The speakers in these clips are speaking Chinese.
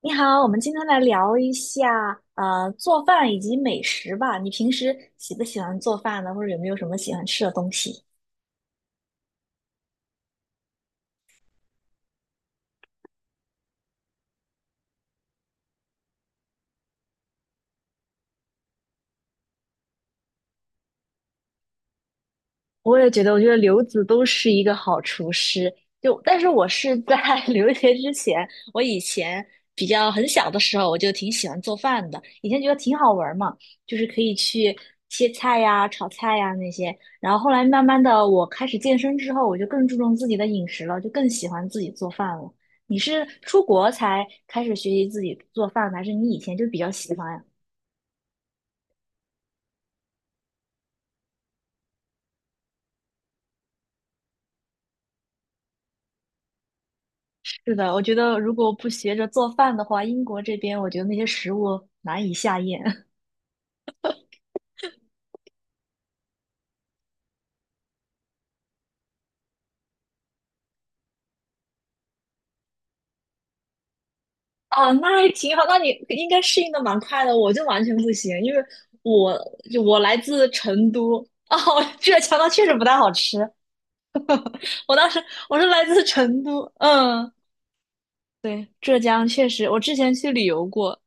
你好，我们今天来聊一下做饭以及美食吧。你平时喜不喜欢做饭呢？或者有没有什么喜欢吃的东西？我也觉得，我觉得刘子都是一个好厨师。就，但是我是在 留学之前，我以前比较很小的时候，我就挺喜欢做饭的。以前觉得挺好玩儿嘛，就是可以去切菜呀、炒菜呀那些。然后后来慢慢的，我开始健身之后，我就更注重自己的饮食了，就更喜欢自己做饭了。你是出国才开始学习自己做饭的还是你以前就比较喜欢呀？是的，我觉得如果不学着做饭的话，英国这边我觉得那些食物难以下咽。哦，那还挺好，那你应该适应的蛮快的，我就完全不行，因为我就我来自成都，哦，浙江它确实不太好吃，我当时我是来自成都，嗯，对，浙江确实，我之前去旅游过，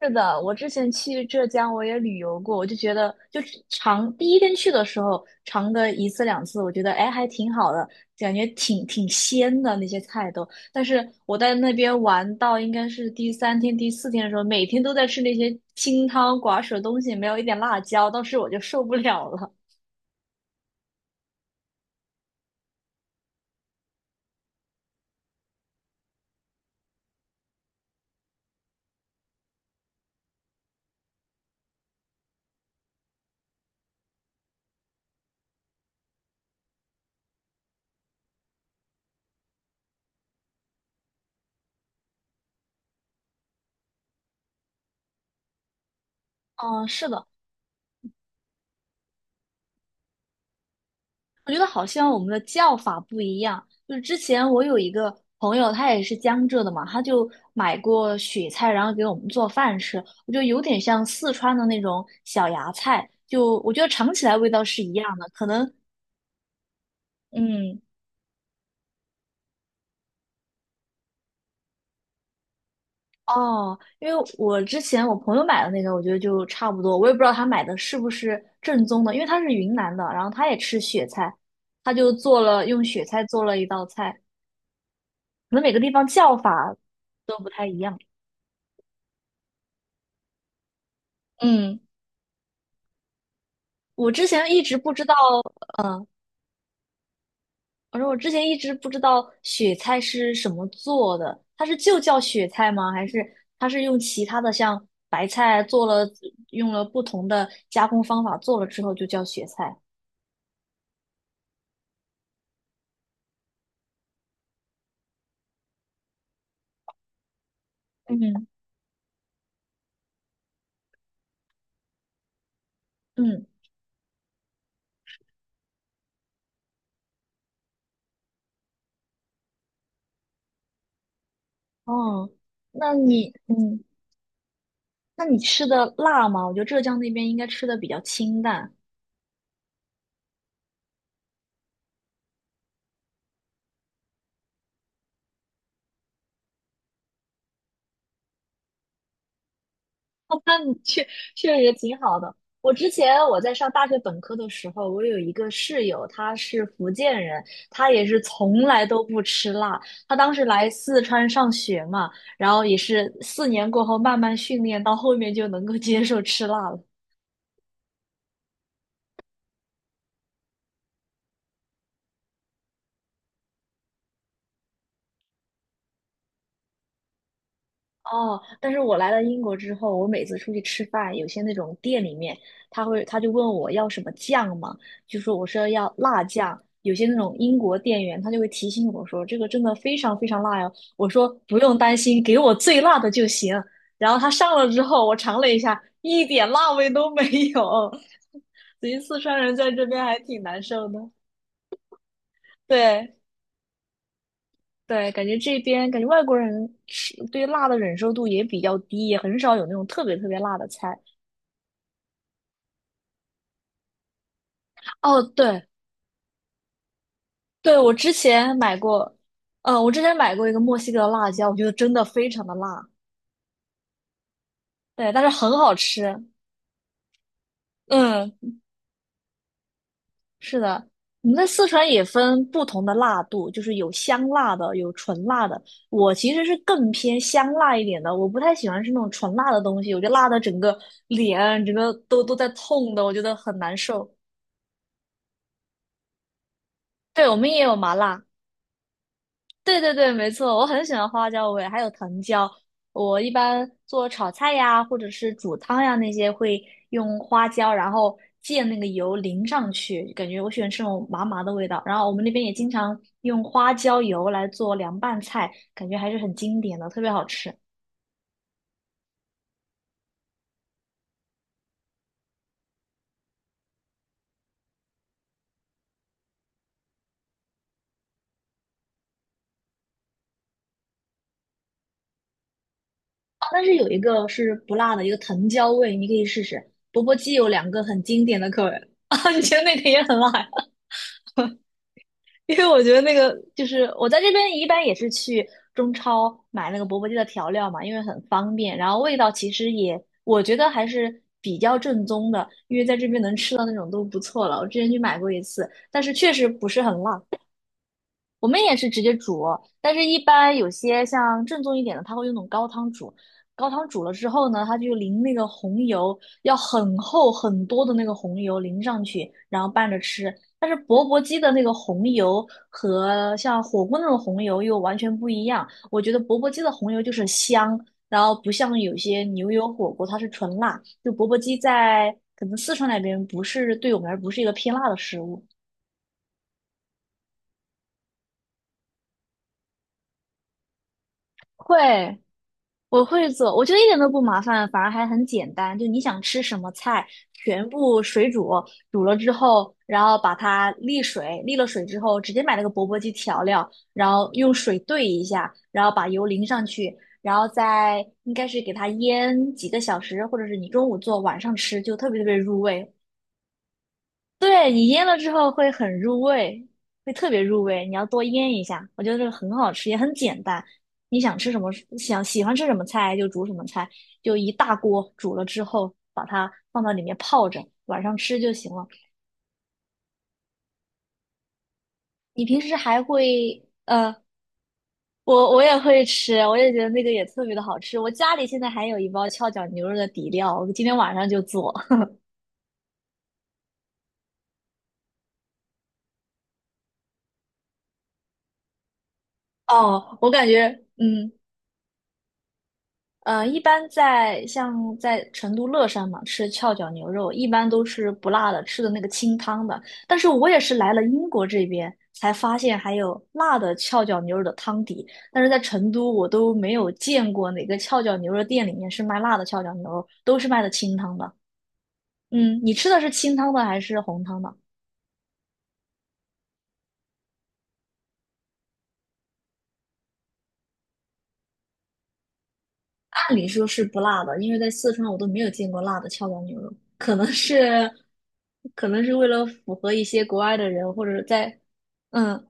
是的，我之前去浙江我也旅游过，我就觉得就是尝第一天去的时候尝个一次两次，我觉得哎还挺好的，感觉挺鲜的那些菜都。但是我在那边玩到应该是第三天第四天的时候，每天都在吃那些清汤寡水的东西，没有一点辣椒，当时我就受不了了。嗯，是的，我觉得好像我们的叫法不一样。就是之前我有一个朋友，他也是江浙的嘛，他就买过雪菜，然后给我们做饭吃。我觉得有点像四川的那种小芽菜，就我觉得尝起来味道是一样的。可能，嗯，哦，因为我之前我朋友买的那个，我觉得就差不多。我也不知道他买的是不是正宗的，因为他是云南的，然后他也吃雪菜，他就做了用雪菜做了一道菜，可能每个地方叫法都不太一样。嗯。我之前一直不知道，我说我之前一直不知道雪菜是什么做的，它是就叫雪菜吗？还是它是用其他的像白菜做了，用了不同的加工方法做了之后就叫雪菜？嗯嗯，哦，那你嗯，那你吃的辣吗？我觉得浙江那边应该吃的比较清淡。那你确实挺好的。我之前我在上大学本科的时候，我有一个室友，他是福建人，他也是从来都不吃辣。他当时来四川上学嘛，然后也是四年过后慢慢训练，到后面就能够接受吃辣了。哦，但是我来了英国之后，我每次出去吃饭，有些那种店里面，他就问我要什么酱嘛，我说要辣酱。有些那种英国店员，他就会提醒我说这个真的非常非常辣哟。我说不用担心，给我最辣的就行。然后他上了之后，我尝了一下，一点辣味都没有。所以四川人在这边还挺难受的。对，对，感觉这边感觉外国人吃对辣的忍受度也比较低，也很少有那种特别特别辣的菜。哦，对对，我之前买过，我之前买过一个墨西哥的辣椒，我觉得真的非常的辣，对，但是很好吃。嗯，是的，我们在四川也分不同的辣度，就是有香辣的，有纯辣的。我其实是更偏香辣一点的，我不太喜欢吃那种纯辣的东西，我觉得辣的整个脸整个都在痛的，我觉得很难受。对，我们也有麻辣。对对对，没错，我很喜欢花椒味，还有藤椒。我一般做炒菜呀，或者是煮汤呀那些，会用花椒，然后借那个油淋上去，感觉我喜欢吃那种麻麻的味道。然后我们那边也经常用花椒油来做凉拌菜，感觉还是很经典的，特别好吃。啊但是有一个是不辣的，一个藤椒味，你可以试试。钵钵鸡有两个很经典的口味 啊，你觉得那个也很辣？因为我觉得那个就是我在这边一般也是去中超买那个钵钵鸡的调料嘛，因为很方便，然后味道其实也我觉得还是比较正宗的，因为在这边能吃到那种都不错了。我之前去买过一次，但是确实不是很辣，我们也是直接煮，但是一般有些像正宗一点的，他会用那种高汤煮。高汤煮了之后呢，他就淋那个红油，要很厚很多的那个红油淋上去，然后拌着吃。但是钵钵鸡的那个红油和像火锅那种红油又完全不一样。我觉得钵钵鸡的红油就是香，然后不像有些牛油火锅它是纯辣。就钵钵鸡在可能四川那边不是对我们而不是一个偏辣的食物。会，我会做，我觉得一点都不麻烦，反而还很简单。就你想吃什么菜，全部水煮，煮了之后，然后把它沥水，沥了水之后，直接买那个钵钵鸡调料，然后用水兑一下，然后把油淋上去，然后再应该是给它腌几个小时，或者是你中午做，晚上吃，就特别特别入味。对，你腌了之后会很入味，会特别入味。你要多腌一下，我觉得这个很好吃，也很简单。你想吃什么，想喜欢吃什么菜就煮什么菜，就一大锅煮了之后，把它放到里面泡着，晚上吃就行了。你平时还会我也会吃，我也觉得那个也特别的好吃。我家里现在还有一包翘脚牛肉的底料，我今天晚上就做。哦，我感觉嗯。一般在像在成都乐山嘛，吃翘脚牛肉一般都是不辣的，吃的那个清汤的。但是我也是来了英国这边才发现还有辣的翘脚牛肉的汤底，但是在成都我都没有见过哪个翘脚牛肉店里面是卖辣的翘脚牛肉，都是卖的清汤的。嗯，你吃的是清汤的还是红汤的？按理说是不辣的，因为在四川我都没有见过辣的跷脚牛肉，可能是，可能是为了符合一些国外的人，或者在，嗯，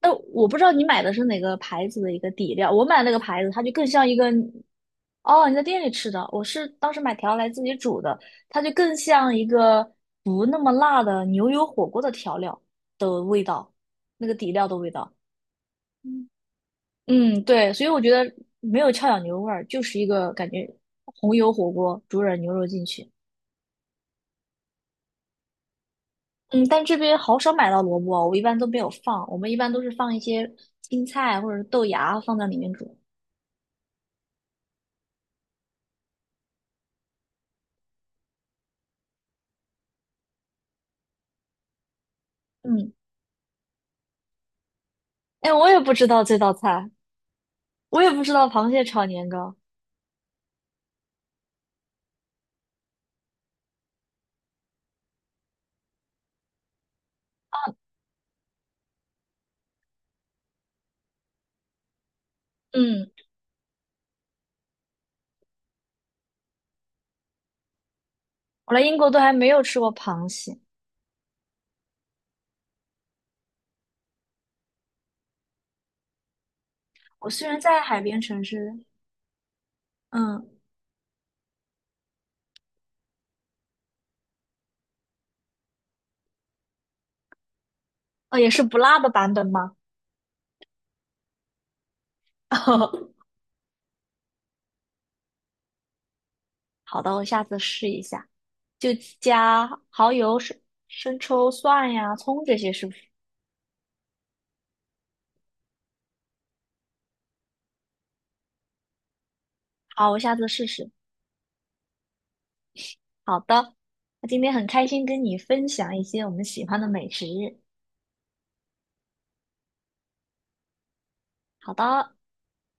但我不知道你买的是哪个牌子的一个底料，我买那个牌子，它就更像一个，哦，你在店里吃的，我是当时买调来自己煮的，它就更像一个不那么辣的牛油火锅的调料的味道，那个底料的味道。嗯，对，所以我觉得没有翘脚牛肉味儿，就是一个感觉红油火锅煮点牛肉进去。嗯，但这边好少买到萝卜，我一般都没有放，我们一般都是放一些青菜或者是豆芽放在里面煮。嗯，哎，我也不知道这道菜，我也不知道螃蟹炒年糕。嗯，我来英国都还没有吃过螃蟹。我虽然在海边城市，嗯，哦，也是不辣的版本吗？好的，我下次试一下。就加蚝油、生抽、蒜呀、葱这些，是不是？好，我下次试试。好的，那今天很开心跟你分享一些我们喜欢的美食。好的。